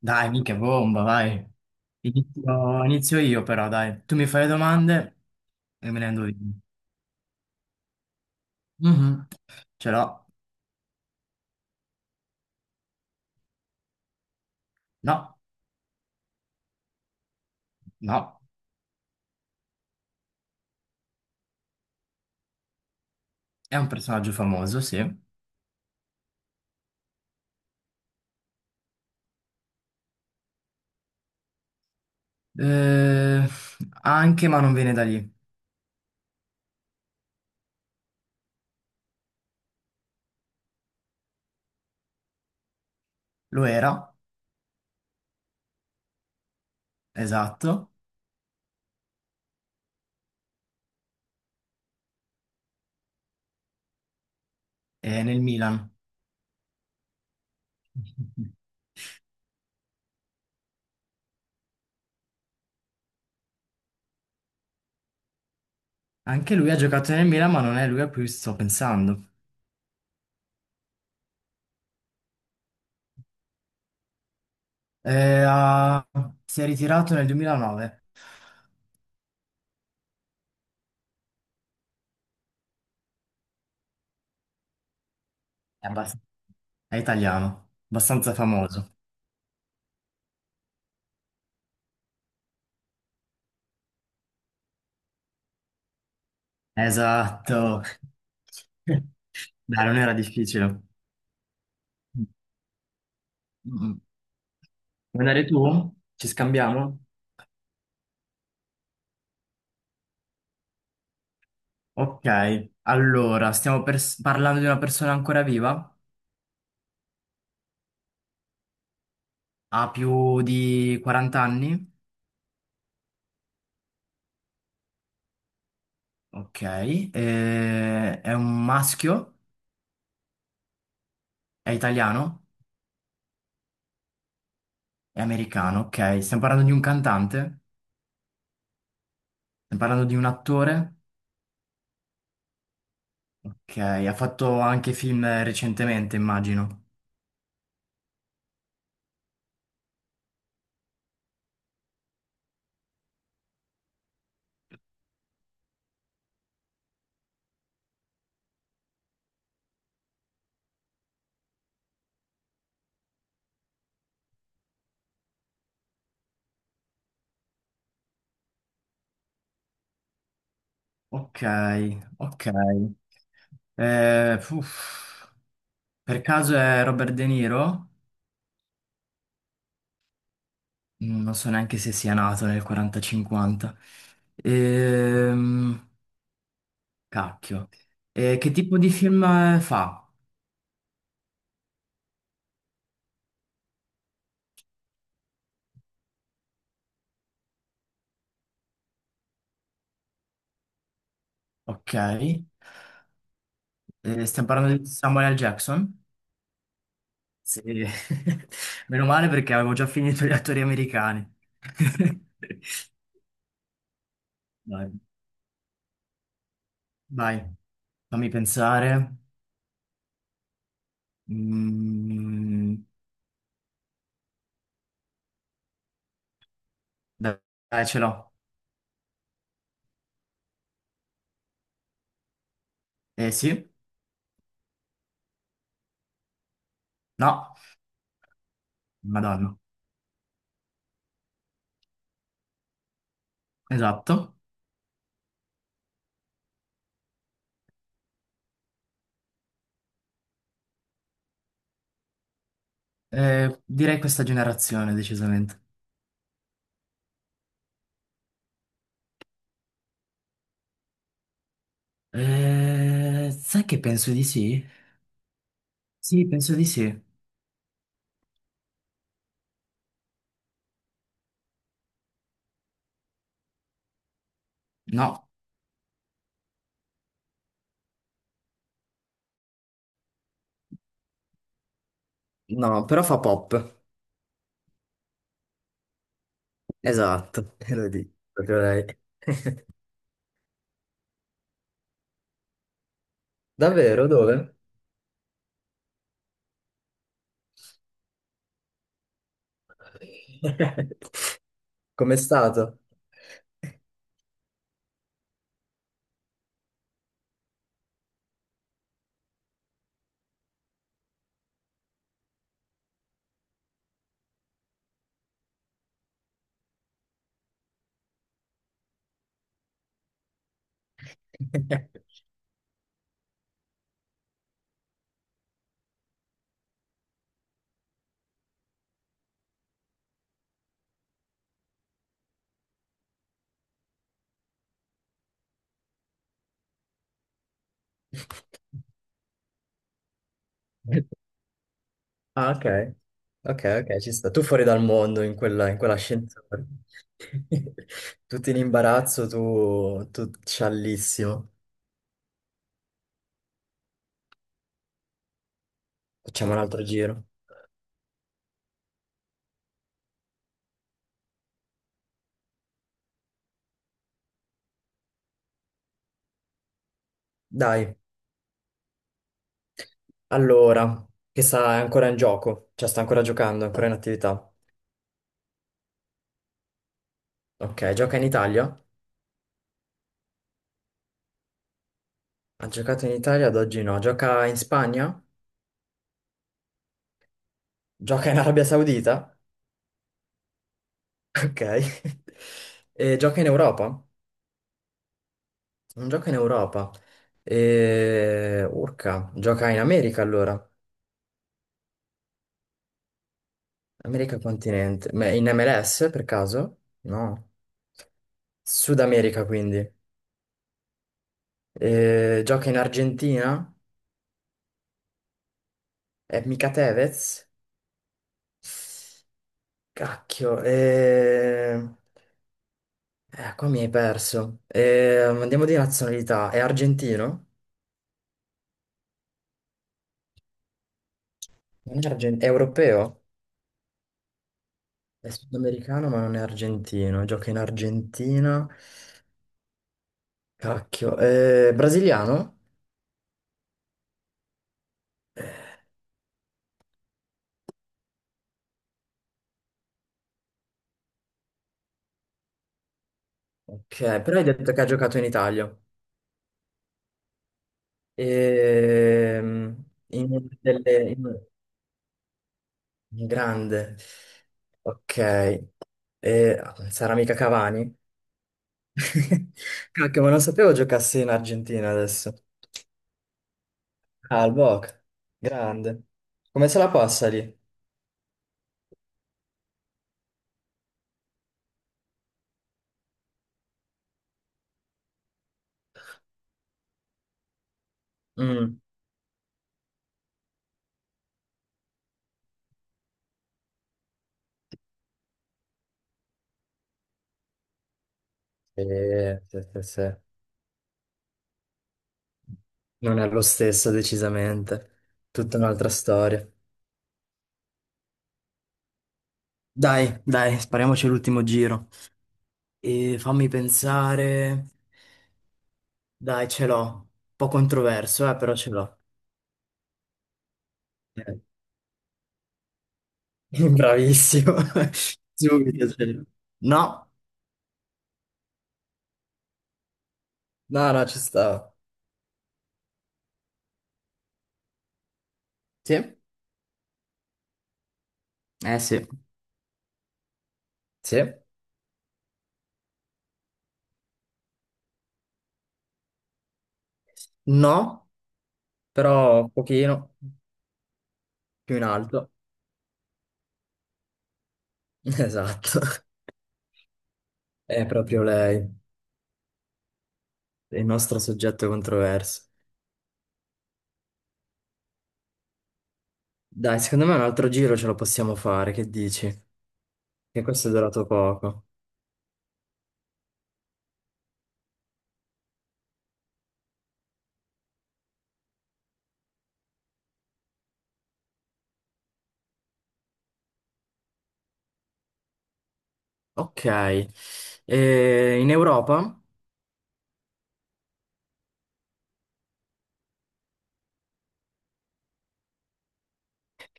Dai, minchia bomba, vai. Inizio, inizio io però, dai. Tu mi fai le domande e me ne ando io. Mhm. Ce l'ho. No, no. È un personaggio famoso, sì. Eh, Anche, ma non viene da lì. Lo era, esatto, è nel Milan. Anche lui ha giocato nel Milan, ma non è lui a cui sto pensando. Eh, ha- si è ritirato nel 2009. È, abbast- è italiano, abbastanza famoso. Esatto. Dai, non era difficile. Mm. Vuoi andare tu? Ci scambiamo? Ok, allora, parlando di una persona ancora viva? Ha più di 40 anni? Ok, è un maschio? È italiano? È americano? Ok, stiamo parlando di un cantante? Stiamo parlando di un attore? Ok, ha fatto anche film recentemente, immagino. Ok, ok. Uff. Per caso è Robert De Niro? Mm, non so neanche se sia nato nel 40-50. Ehm, Cacchio. Che tipo di film fa? Ok. Stiamo parlando di Samuel L. Jackson? Sì. Meno male perché avevo già finito gli attori americani. Dai, vai, fammi pensare. Mm. Dai, dai, ce l'ho. Eh sì? No? Madonna. Esatto. Direi questa generazione, decisamente. Sai che penso di sì? Sì, penso di sì. No. No, però fa pop. Esatto, lo dico proprio lei. Davvero? Dove? Com'è stato? Ah, ok. Ok, ok, ci sta. Tu fuori dal mondo in quella, in quell'ascensore. Tutti in imbarazzo, tu, tu sciallissimo. Facciamo un altro giro. Dai, allora, che sta è ancora in gioco, cioè sta ancora giocando, è ancora in attività. Ok, gioca in Italia? Ha giocato in Italia, ad oggi no. Gioca in Spagna? Gioca in Arabia Saudita? Ok. E gioca in Europa? Non gioca in Europa. E... urca, gioca in America allora. America continente, ma in MLS per caso? No. Sud America quindi. Gioca in Argentina? È mica Tevez? Cacchio, qua mi hai perso. Andiamo di nazionalità, è argentino? Non è, argen- È europeo? È sudamericano ma non è argentino, gioca in Argentina. Cacchio, brasiliano? Ok, però hai detto che ha giocato in Italia. Ehm, in delle- in- In grande. Ok. Eh, sarà mica Cavani? Cacchio, ma non sapevo giocassi in Argentina adesso. Ah, il Boca. Grande. Come se la passa lì? Mm. Sì, sì, sì. Non è lo stesso, decisamente. Tutta un'altra storia. Dai, dai, spariamoci l'ultimo giro. E fammi pensare. Dai, ce l'ho. Un po' controverso, però ce l'ho. Eh, bravissimo. Subito. Cioè. No, no, no, ci sta. Sì? Eh sì. Sì. No, però un pochino più in alto. Esatto. È proprio lei, il nostro soggetto controverso. Dai, secondo me un altro giro ce lo possiamo fare, che dici? Che questo è durato poco. Ok. E in Europa?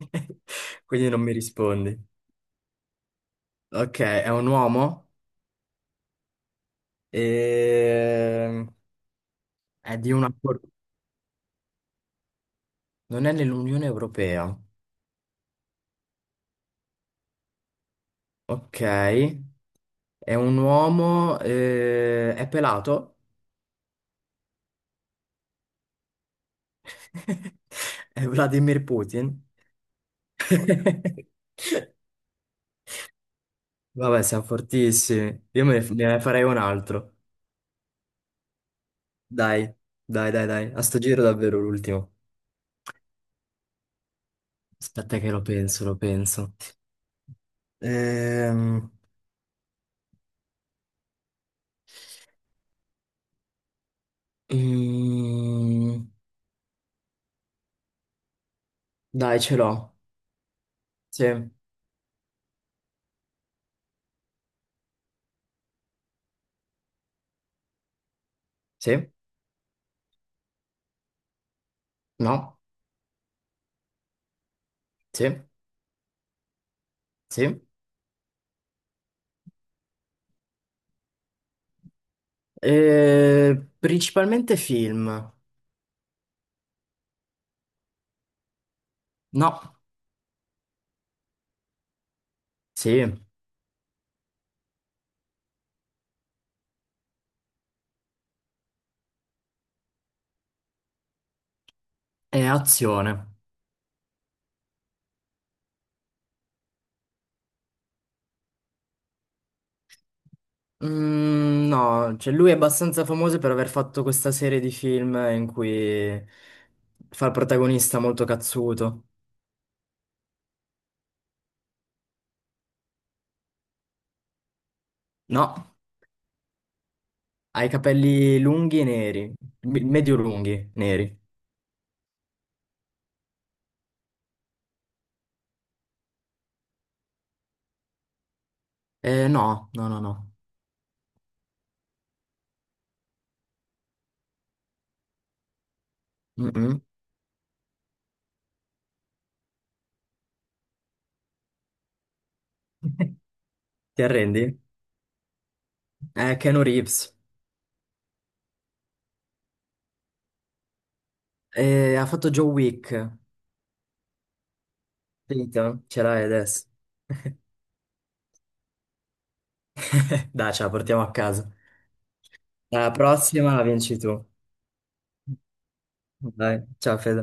Quindi non mi rispondi. Ok, è un uomo? Ehm, È di una... cor- Non è nell'Unione Europea. Ok. È pelato? È Vladimir Putin? Vabbè, siamo fortissimi. Io me ne farei un altro. Dai, dai, dai, dai. A sto giro davvero l'ultimo. Aspetta che lo penso, lo penso. Ehm, mm, Dai, ce l'ho. Sì, sì, no, sì, sì. Principalmente film. No, sì, è azione. Mm, no, cioè lui è abbastanza famoso per aver fatto questa serie di film in cui fa il protagonista molto cazzuto. No, ha i capelli lunghi e neri, medio lunghi, neri. No, no, no, no. Mm-mm. Ti arrendi? È Keanu Reeves. Ha fatto Joe Wick. Finito? Ce l'hai adesso. Dai, ce la portiamo a casa. Alla prossima la vinci tu. Dai, ciao Fede.